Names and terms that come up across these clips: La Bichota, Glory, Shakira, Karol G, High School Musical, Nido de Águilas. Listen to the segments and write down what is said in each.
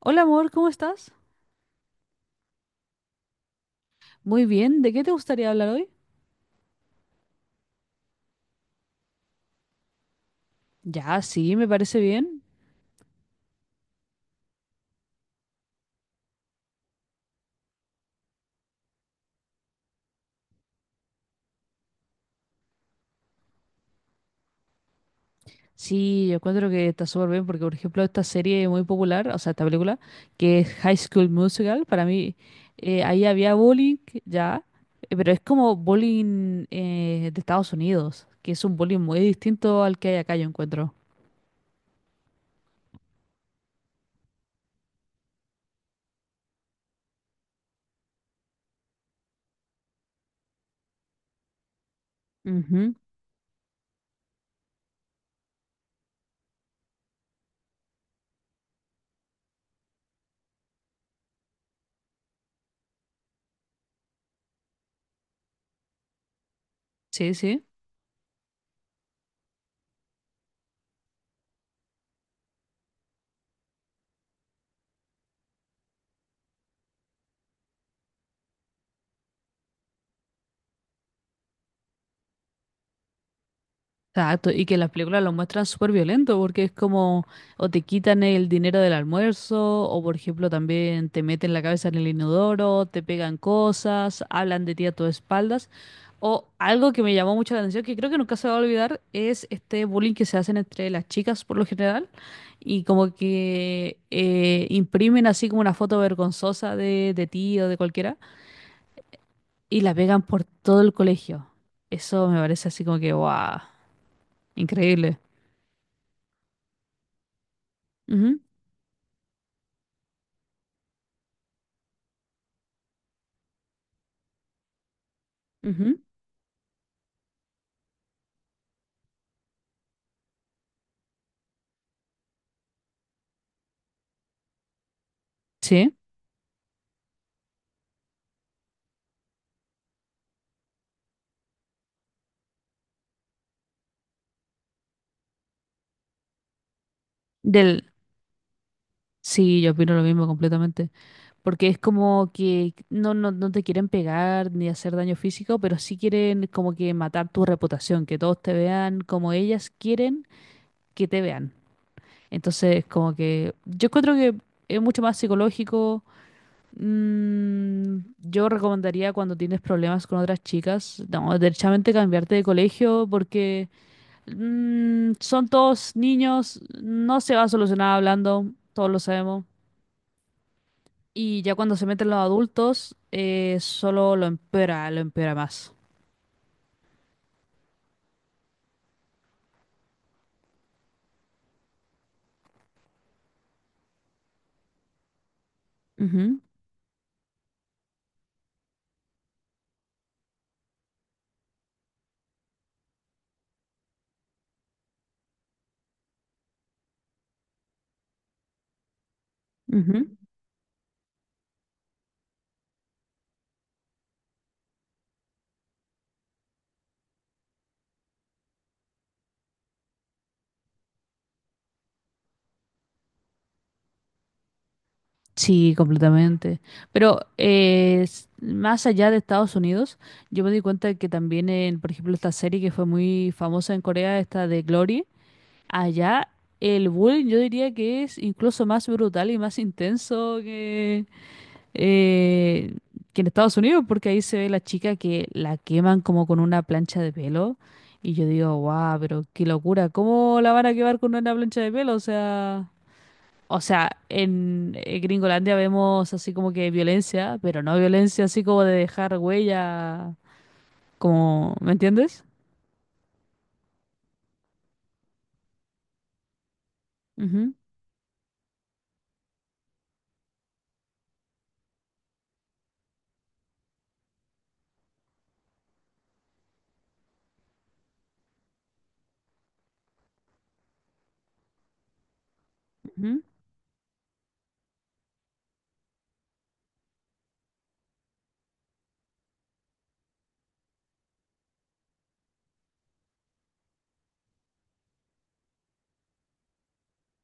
Hola amor, ¿cómo estás? Muy bien, ¿de qué te gustaría hablar hoy? Ya, sí, me parece bien. Sí, yo encuentro que está súper bien porque, por ejemplo, esta serie muy popular, o sea, esta película, que es High School Musical, para mí ahí había bullying, ya, pero es como bullying de Estados Unidos, que es un bullying muy distinto al que hay acá, yo encuentro. Ujú, sí, sí. Exacto, y que las películas lo muestran súper violento porque es como o te quitan el dinero del almuerzo o por ejemplo también te meten la cabeza en el inodoro, te pegan cosas, hablan de ti a tus espaldas o algo que me llamó mucho la atención que creo que nunca se va a olvidar es este bullying que se hacen entre las chicas por lo general y como que imprimen así como una foto vergonzosa de ti o de cualquiera y la pegan por todo el colegio. Eso me parece así como que, wow, increíble. Ujú, ujú. Sí, del, sí, yo opino lo mismo completamente, porque es como que no, no, no te quieren pegar ni hacer daño físico, pero sí quieren como que matar tu reputación, que todos te vean como ellas quieren que te vean. Entonces, como que yo encuentro que es mucho más psicológico. Yo recomendaría cuando tienes problemas con otras chicas, no, derechamente cambiarte de colegio porque son todos niños, no se va a solucionar hablando, todos lo sabemos. Y ya cuando se meten los adultos, solo lo empeora más. Ujú, ujú. Sí, completamente. Pero más allá de Estados Unidos, yo me di cuenta de que también en, por ejemplo, esta serie que fue muy famosa en Corea, esta de Glory, allá el bullying yo diría que es incluso más brutal y más intenso eh, que en Estados Unidos, porque ahí se ve la chica que la queman como con una plancha de pelo. Y yo digo, guau, pero qué locura, ¿cómo la van a quemar con una plancha de pelo? O sea, en Gringolandia vemos así como que violencia, pero no violencia así como de dejar huella, como, ¿me entiendes? Ujú,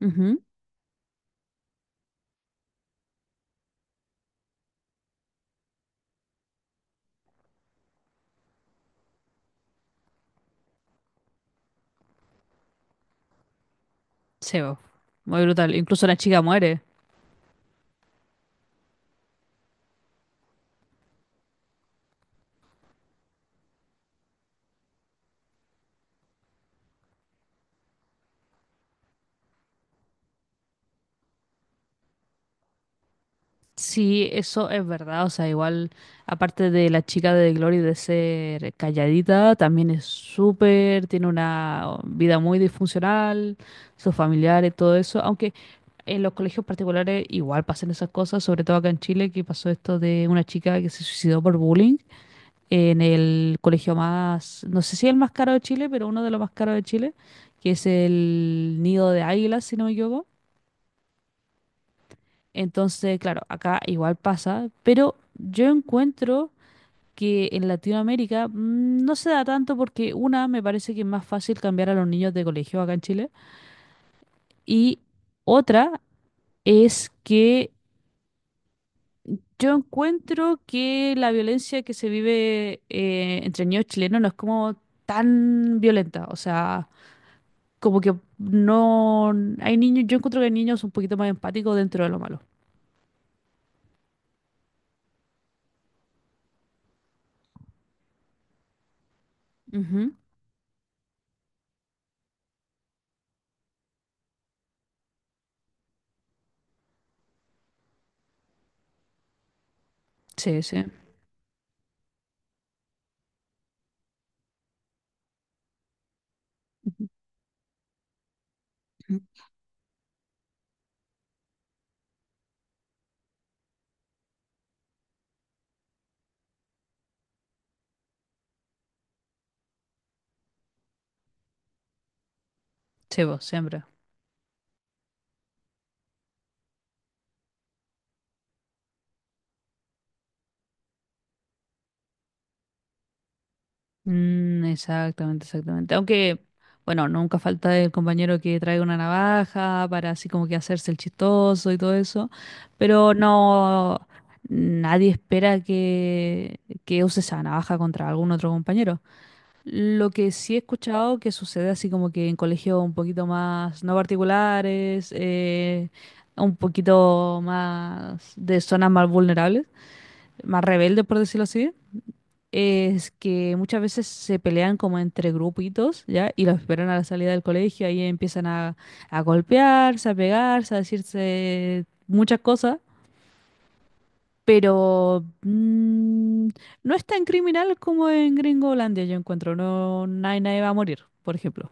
ujú, ujú. Sí, bo. Muy brutal. Incluso la chica muere. Sí, eso es verdad. O sea, igual, aparte de la chica de Glory de ser calladita, también es súper, tiene una vida muy disfuncional, sus familiares, todo eso. Aunque en los colegios particulares igual pasan esas cosas, sobre todo acá en Chile, que pasó esto de una chica que se suicidó por bullying en el colegio más, no sé si el más caro de Chile, pero uno de los más caros de Chile, que es el Nido de Águilas, si no me equivoco. Entonces, claro, acá igual pasa, pero yo encuentro que en Latinoamérica no se da tanto porque una, me parece que es más fácil cambiar a los niños de colegio acá en Chile y otra es que yo encuentro que la violencia que se vive entre niños chilenos no es como tan violenta, o sea, como que no hay niños, yo encuentro que hay niños un poquito más empáticos dentro de lo malo. Ujú. Sí, sí. Ujú. Sí, vos, siempre. Mm, exactamente, exactamente. Aunque, bueno, nunca falta el compañero que trae una navaja para así como que hacerse el chistoso y todo eso. Pero no, nadie espera que, use esa navaja contra algún otro compañero. Lo que sí he escuchado que sucede así como que en colegios un poquito más no particulares, un poquito más de zonas más vulnerables, más rebeldes, por decirlo así es que muchas veces se pelean como entre grupitos, ¿ya? Y los esperan a la salida del colegio, ahí empiezan a golpearse, a pegarse, a decirse muchas cosas, pero no es tan criminal como en Gringolandia, yo encuentro, no, nadie, nadie va a morir, por ejemplo.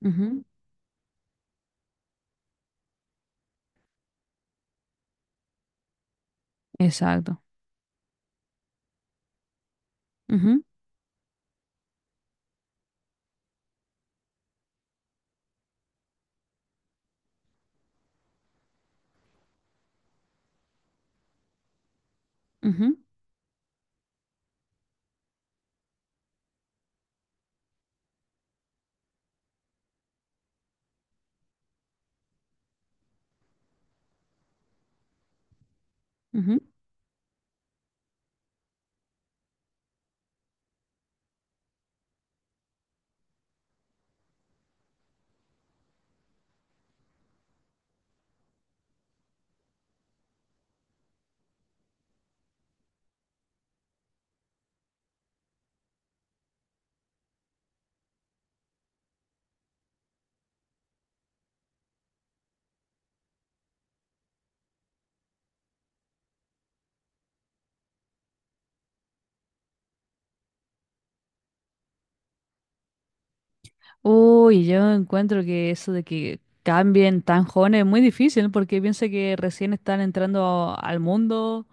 Ujú, exacto. Ujú, ujú, ujú. Uy, yo encuentro que eso de que cambien tan jóvenes es muy difícil porque piensa que recién están entrando al mundo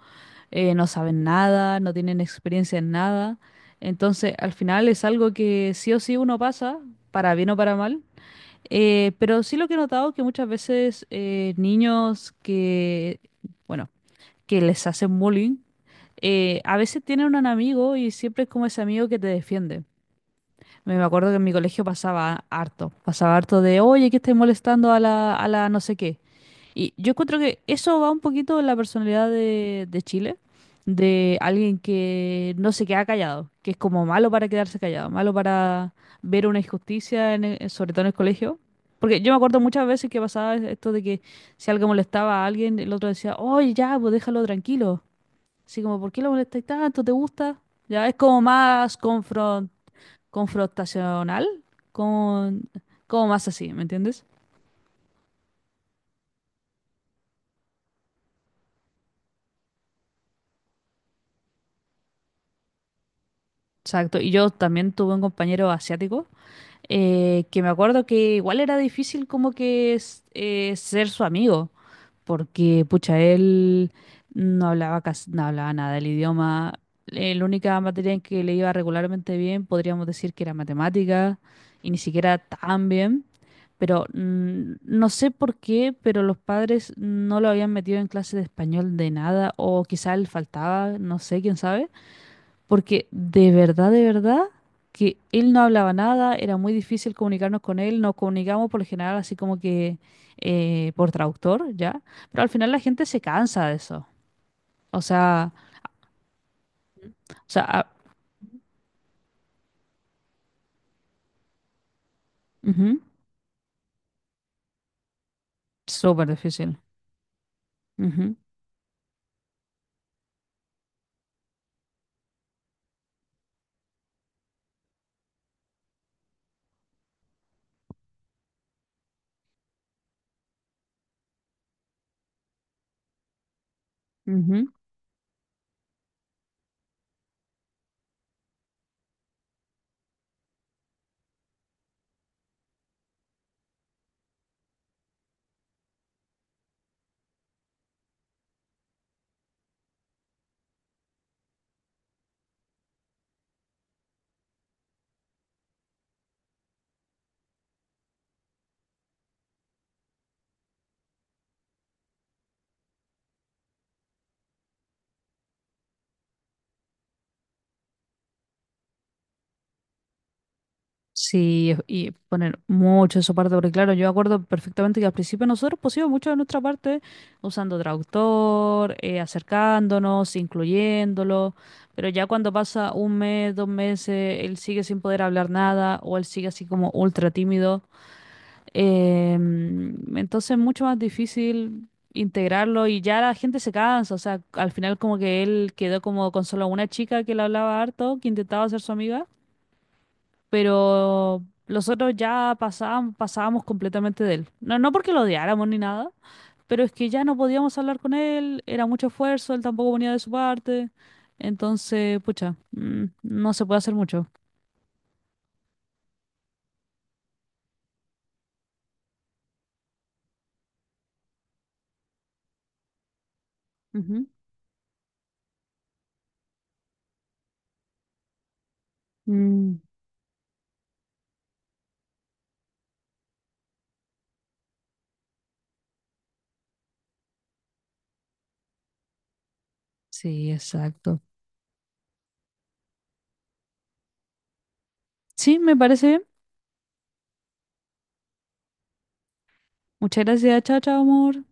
no saben nada, no tienen experiencia en nada. Entonces, al final es algo que sí o sí uno pasa, para bien o para mal. Pero sí lo que he notado que muchas veces niños que, bueno, que les hacen bullying, a veces tienen un amigo y siempre es como ese amigo que te defiende. Me acuerdo que en mi colegio pasaba harto de, oye, que estáis molestando a la no sé qué. Y yo encuentro que eso va un poquito en la personalidad de Chile, de alguien que no se queda callado, que es como malo para quedarse callado, malo para ver una injusticia, en el- sobre todo en el colegio. Porque yo me acuerdo muchas veces que pasaba esto de que si algo molestaba a alguien, el otro decía, oye, ya, pues déjalo tranquilo. Así como, ¿por qué lo molestáis tanto? ¿Te gusta? Ya es como más confrontacional confrontacional, como, como más así, ¿me entiendes? Exacto, y yo también tuve un compañero asiático que me acuerdo que igual era difícil como que ser su amigo. Porque pucha, él no hablaba casi, no hablaba nada del idioma. La única materia en que le iba regularmente bien, podríamos decir que era matemática, y ni siquiera tan bien. Pero no sé por qué, pero los padres no lo habían metido en clase de español de nada, o quizá él faltaba, no sé, quién sabe. Porque de verdad, que él no hablaba nada, era muy difícil comunicarnos con él, nos comunicamos por lo general así como que por traductor, ¿ya? Pero al final la gente se cansa de eso. O sea, ah, ujú, súper difícil. Ujú, ujú. Sí, y poner mucho de su parte, porque claro, yo acuerdo perfectamente que al principio nosotros pusimos mucho de nuestra parte usando traductor, acercándonos, incluyéndolo, pero ya cuando pasa un mes, dos meses, él sigue sin poder hablar nada o él sigue así como ultra tímido, eh, entonces es mucho más difícil integrarlo y ya la gente se cansa, o sea, al final como que él quedó como con solo una chica que le hablaba harto, que intentaba ser su amiga pero los otros ya pasábamos, pasábamos completamente de él. No, no porque lo odiáramos ni nada, pero es que ya no podíamos hablar con él, era mucho esfuerzo, él tampoco ponía de su parte, entonces, pucha, no se puede hacer mucho. Ujú. Mm, sí, exacto. Sí, me parece bien. Muchas gracias, chao, chao, amor.